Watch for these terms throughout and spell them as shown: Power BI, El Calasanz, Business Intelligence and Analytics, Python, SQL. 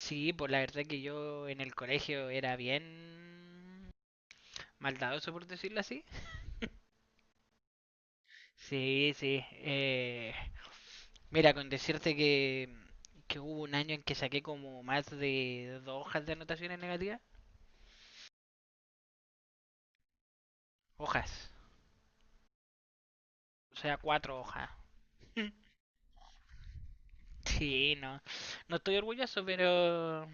Sí, pues la verdad que yo en el colegio era bien maldadoso, por decirlo así. Sí, sí. Mira, con decirte que hubo un año en que saqué como más de dos hojas de anotaciones negativas. Hojas. O sea, cuatro hojas. Sí, no. No estoy orgulloso, pero...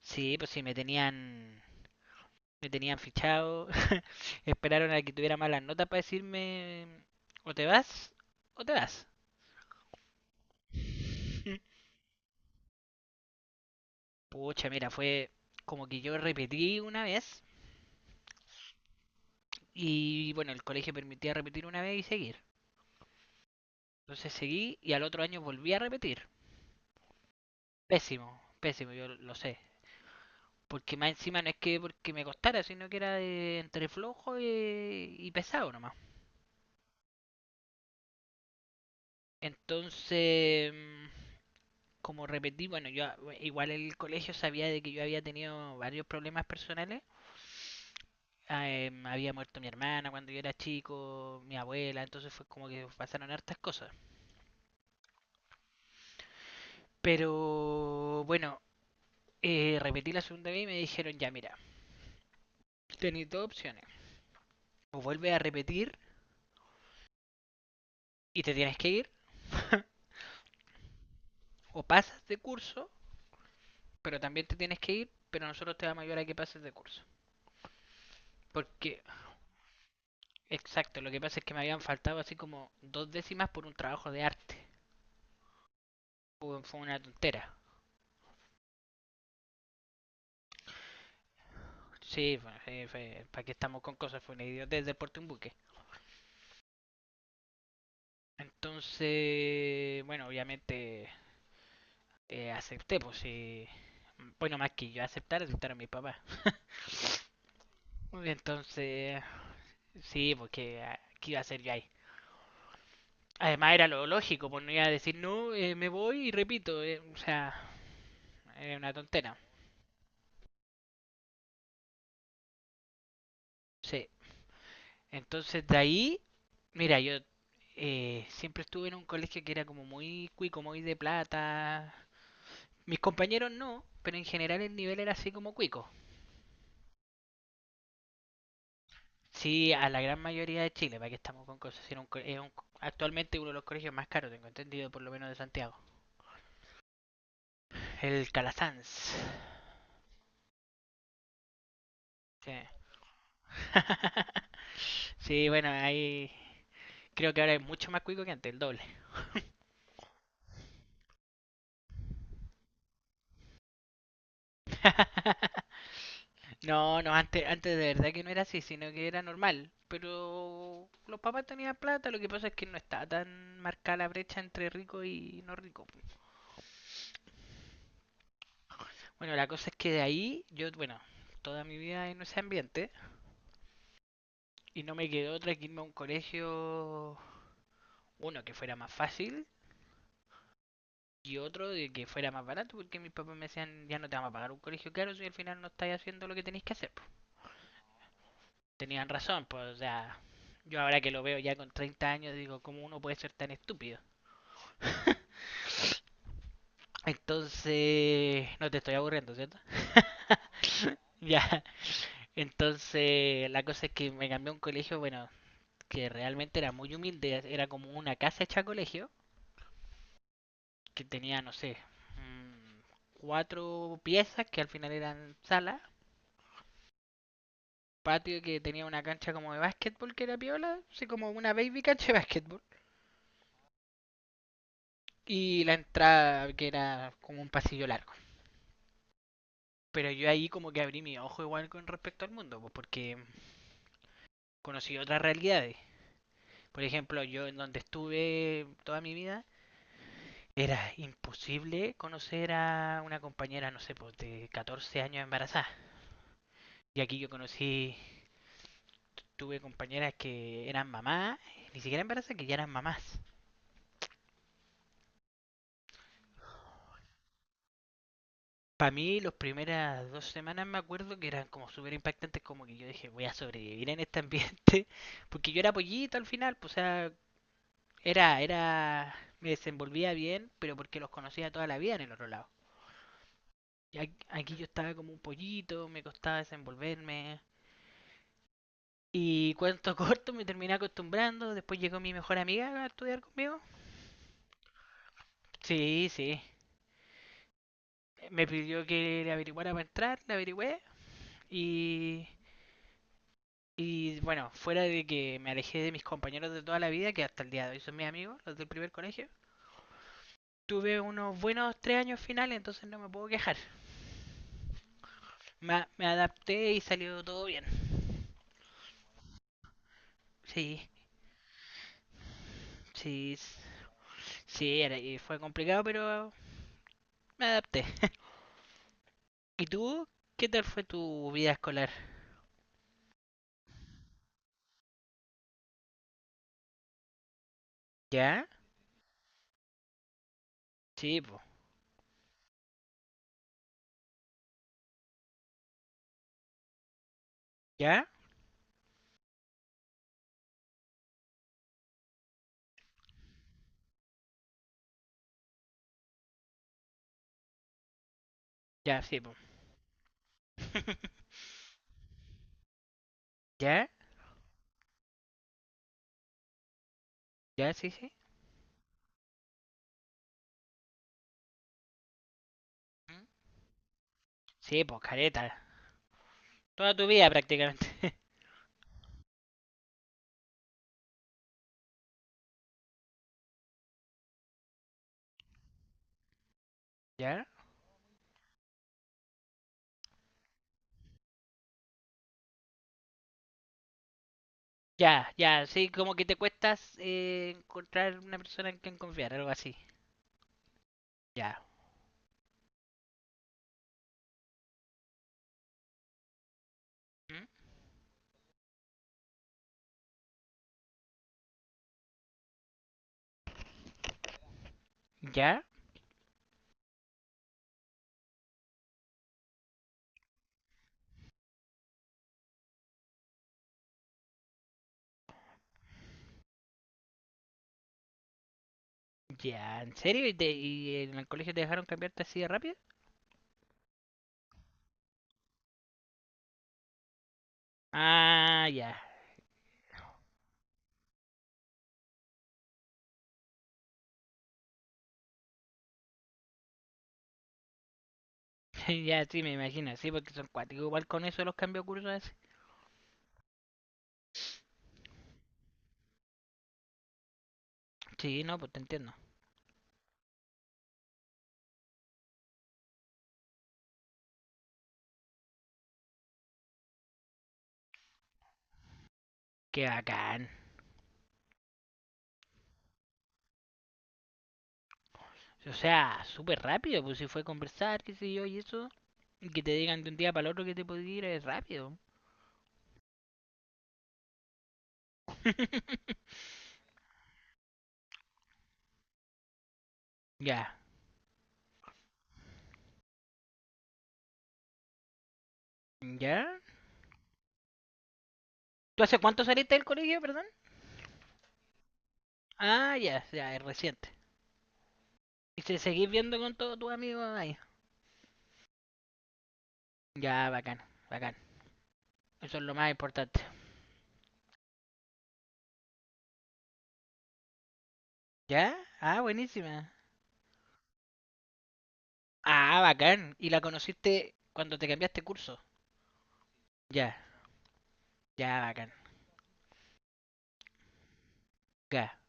Sí, pues sí, me tenían... Me tenían fichado. Esperaron a que tuviera malas notas para decirme... O te vas, o te vas. Pucha, mira, fue como que yo repetí una vez y bueno, el colegio permitía repetir una vez y seguir. Entonces seguí y al otro año volví a repetir. Pésimo, pésimo, yo lo sé. Porque más encima no es que porque me costara, sino que era de entre flojo y pesado nomás. Entonces, como repetí, bueno, yo igual el colegio sabía de que yo había tenido varios problemas personales. Había muerto mi hermana cuando yo era chico, mi abuela, entonces fue como que pasaron hartas cosas. Pero bueno, repetí la segunda vez y me dijeron, ya mira, tenéis dos opciones. O vuelves a repetir y te tienes que ir, o pasas de curso, pero también te tienes que ir, pero nosotros te vamos a ayudar a que pases de curso. Porque, exacto, lo que pasa es que me habían faltado así como dos décimas por un trabajo de arte. Fue una tontera. Sí, bueno, sí, ¿para qué estamos con cosas? Fue una idiotez del porte un buque. Entonces, bueno, obviamente acepté, pues sí. Bueno, más que yo aceptar, aceptaron mis papás. Entonces, sí, porque ah, ¿qué iba a hacer yo ahí? Además era lo lógico, pues no iba a decir, no, me voy y repito, o sea, era una tontera. Sí, entonces de ahí, mira, yo siempre estuve en un colegio que era como muy cuico, muy de plata. Mis compañeros no, pero en general el nivel era así como cuico. Sí, a la gran mayoría de Chile, para que estamos con cosas. Era un co- es un- Actualmente uno de los colegios más caros, tengo entendido, por lo menos de Santiago. El Calasanz. Sí. Sí, bueno, ahí creo que ahora es mucho más cuico que antes, el doble. No, no, antes de verdad que no era así, sino que era normal. Pero los papás tenían plata, lo que pasa es que no estaba tan marcada la brecha entre rico y no rico. Bueno, la cosa es que de ahí, yo, bueno, toda mi vida en ese ambiente. Y no me quedó otra que irme a un colegio, uno que fuera más fácil y otro de que fuera más barato, porque mis papás me decían, ya no te vamos a pagar un colegio caro si al final no estáis haciendo lo que tenéis que hacer. Pues tenían razón, pues, o sea, yo ahora que lo veo ya con 30 años digo, ¿cómo uno puede ser tan estúpido? Entonces, no te estoy aburriendo, ¿cierto? Ya, entonces la cosa es que me cambié a un colegio, bueno, que realmente era muy humilde, era como una casa hecha colegio, que tenía, no sé, mm, cuatro piezas que al final eran salas, patio que tenía una cancha como de básquetbol que era piola, así como una baby cancha de básquetbol, y la entrada que era como un pasillo largo. Pero yo ahí como que abrí mi ojo igual con respecto al mundo, pues porque conocí otras realidades. Por ejemplo, yo en donde estuve toda mi vida, era imposible conocer a una compañera, no sé, pues, de 14 años embarazada. Y aquí yo conocí. Tuve compañeras que eran mamás, ni siquiera embarazadas, que ya eran mamás. Para mí, las primeras 2 semanas me acuerdo que eran como súper impactantes, como que yo dije, voy a sobrevivir en este ambiente. Porque yo era pollito al final, pues, o sea, era, era, me desenvolvía bien, pero porque los conocía toda la vida en el otro lado. Y aquí yo estaba como un pollito, me costaba desenvolverme. Y cuento corto, me terminé acostumbrando, después llegó mi mejor amiga a estudiar conmigo. Sí, sí, me pidió que le averiguara para entrar, le averigüé. Y, y bueno, fuera de que me alejé de mis compañeros de toda la vida, que hasta el día de hoy son mis amigos, los del primer colegio, tuve unos buenos 3 años finales, entonces no me puedo quejar. Me adapté y salió todo bien. Sí. Sí, sí, era, y fue complicado, pero me adapté. ¿Y tú? ¿Qué tal fue tu vida escolar? ¿Ya? Sí, po. ¿Ya? Ya, sí, po. ¿Ya? ¿Ya? Sí, sí. ¿Mm? Sí, po, careta. Toda tu vida prácticamente. ¿Ya? Ya, ya, sí, como que te cuestas encontrar una persona en quien confiar, algo así. Ya. ¿Mm? ¿Ya? Ya, ¿en serio? ¿Y, y en el colegio te dejaron cambiarte así de rápido? Ah, ya. Ya, sí, me imagino, sí, porque son cuáticos igual con eso los cambios de así. Sí, no, pues te entiendo. Qué bacán. O sea, súper rápido, pues si fue a conversar, qué sé yo, y eso. Y que te digan de un día para el otro que te podías ir es rápido. Ya, ya, ¿tú hace cuánto saliste del colegio, perdón? Ah, ya, ya, es reciente. ¿Y se seguís viendo con todos tus amigos ahí? Ya, bacán, bacán. Eso es lo más importante. ¿Ya? Ah, buenísima. Ah, bacán. ¿Y la conociste cuando te cambiaste curso? Ya, ya, bacán. Ya.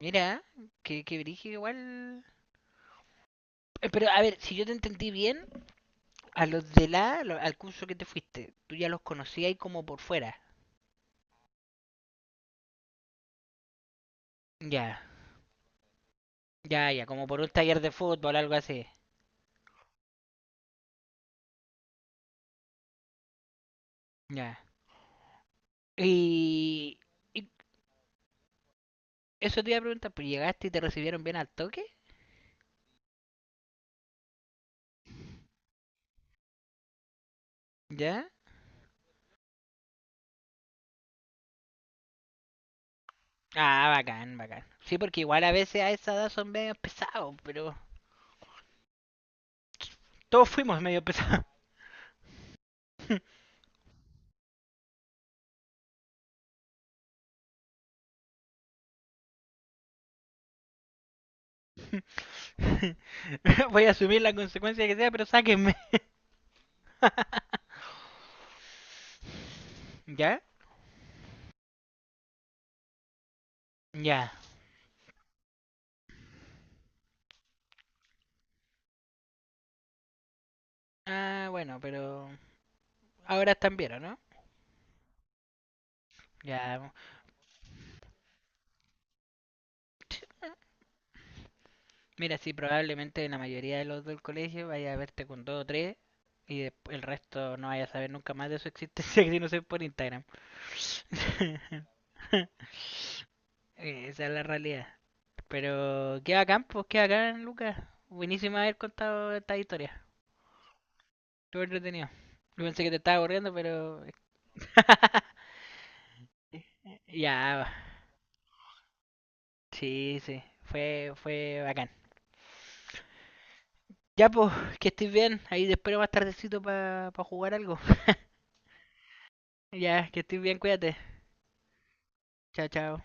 Mira, que brígido igual. Pero a ver, si yo te entendí bien, a los de la, al curso que te fuiste, tú ya los conocías ahí como por fuera. Ya, ya, ya, como por un taller de fútbol, algo así. Ya. Y, y eso te iba a preguntar, pues llegaste y te recibieron bien al toque, ¿ya? Ah, bacán, bacán. Sí, porque igual a veces a esa edad son medio pesados, pero todos fuimos medio pesados. Voy a asumir la consecuencia que sea, pero sáquenme. ¿Ya? Ya. Ah, bueno, pero ahora están bien, ¿o no? Ya, mira, sí, probablemente la mayoría de los del colegio vaya a verte con dos o tres y el resto no vaya a saber nunca más de su existencia que si no sé por Instagram. Esa es la realidad. Pero qué bacán, pues qué bacán, Lucas. Buenísimo haber contado esta historia. Estuvo entretenido. Yo pensé que te estaba aburriendo, pero... Ya, sí, sí. Fue bacán. Ya, pues, que estés bien. Ahí te espero más tardecito para jugar algo. Ya, que estés bien, cuídate. Chao, chao.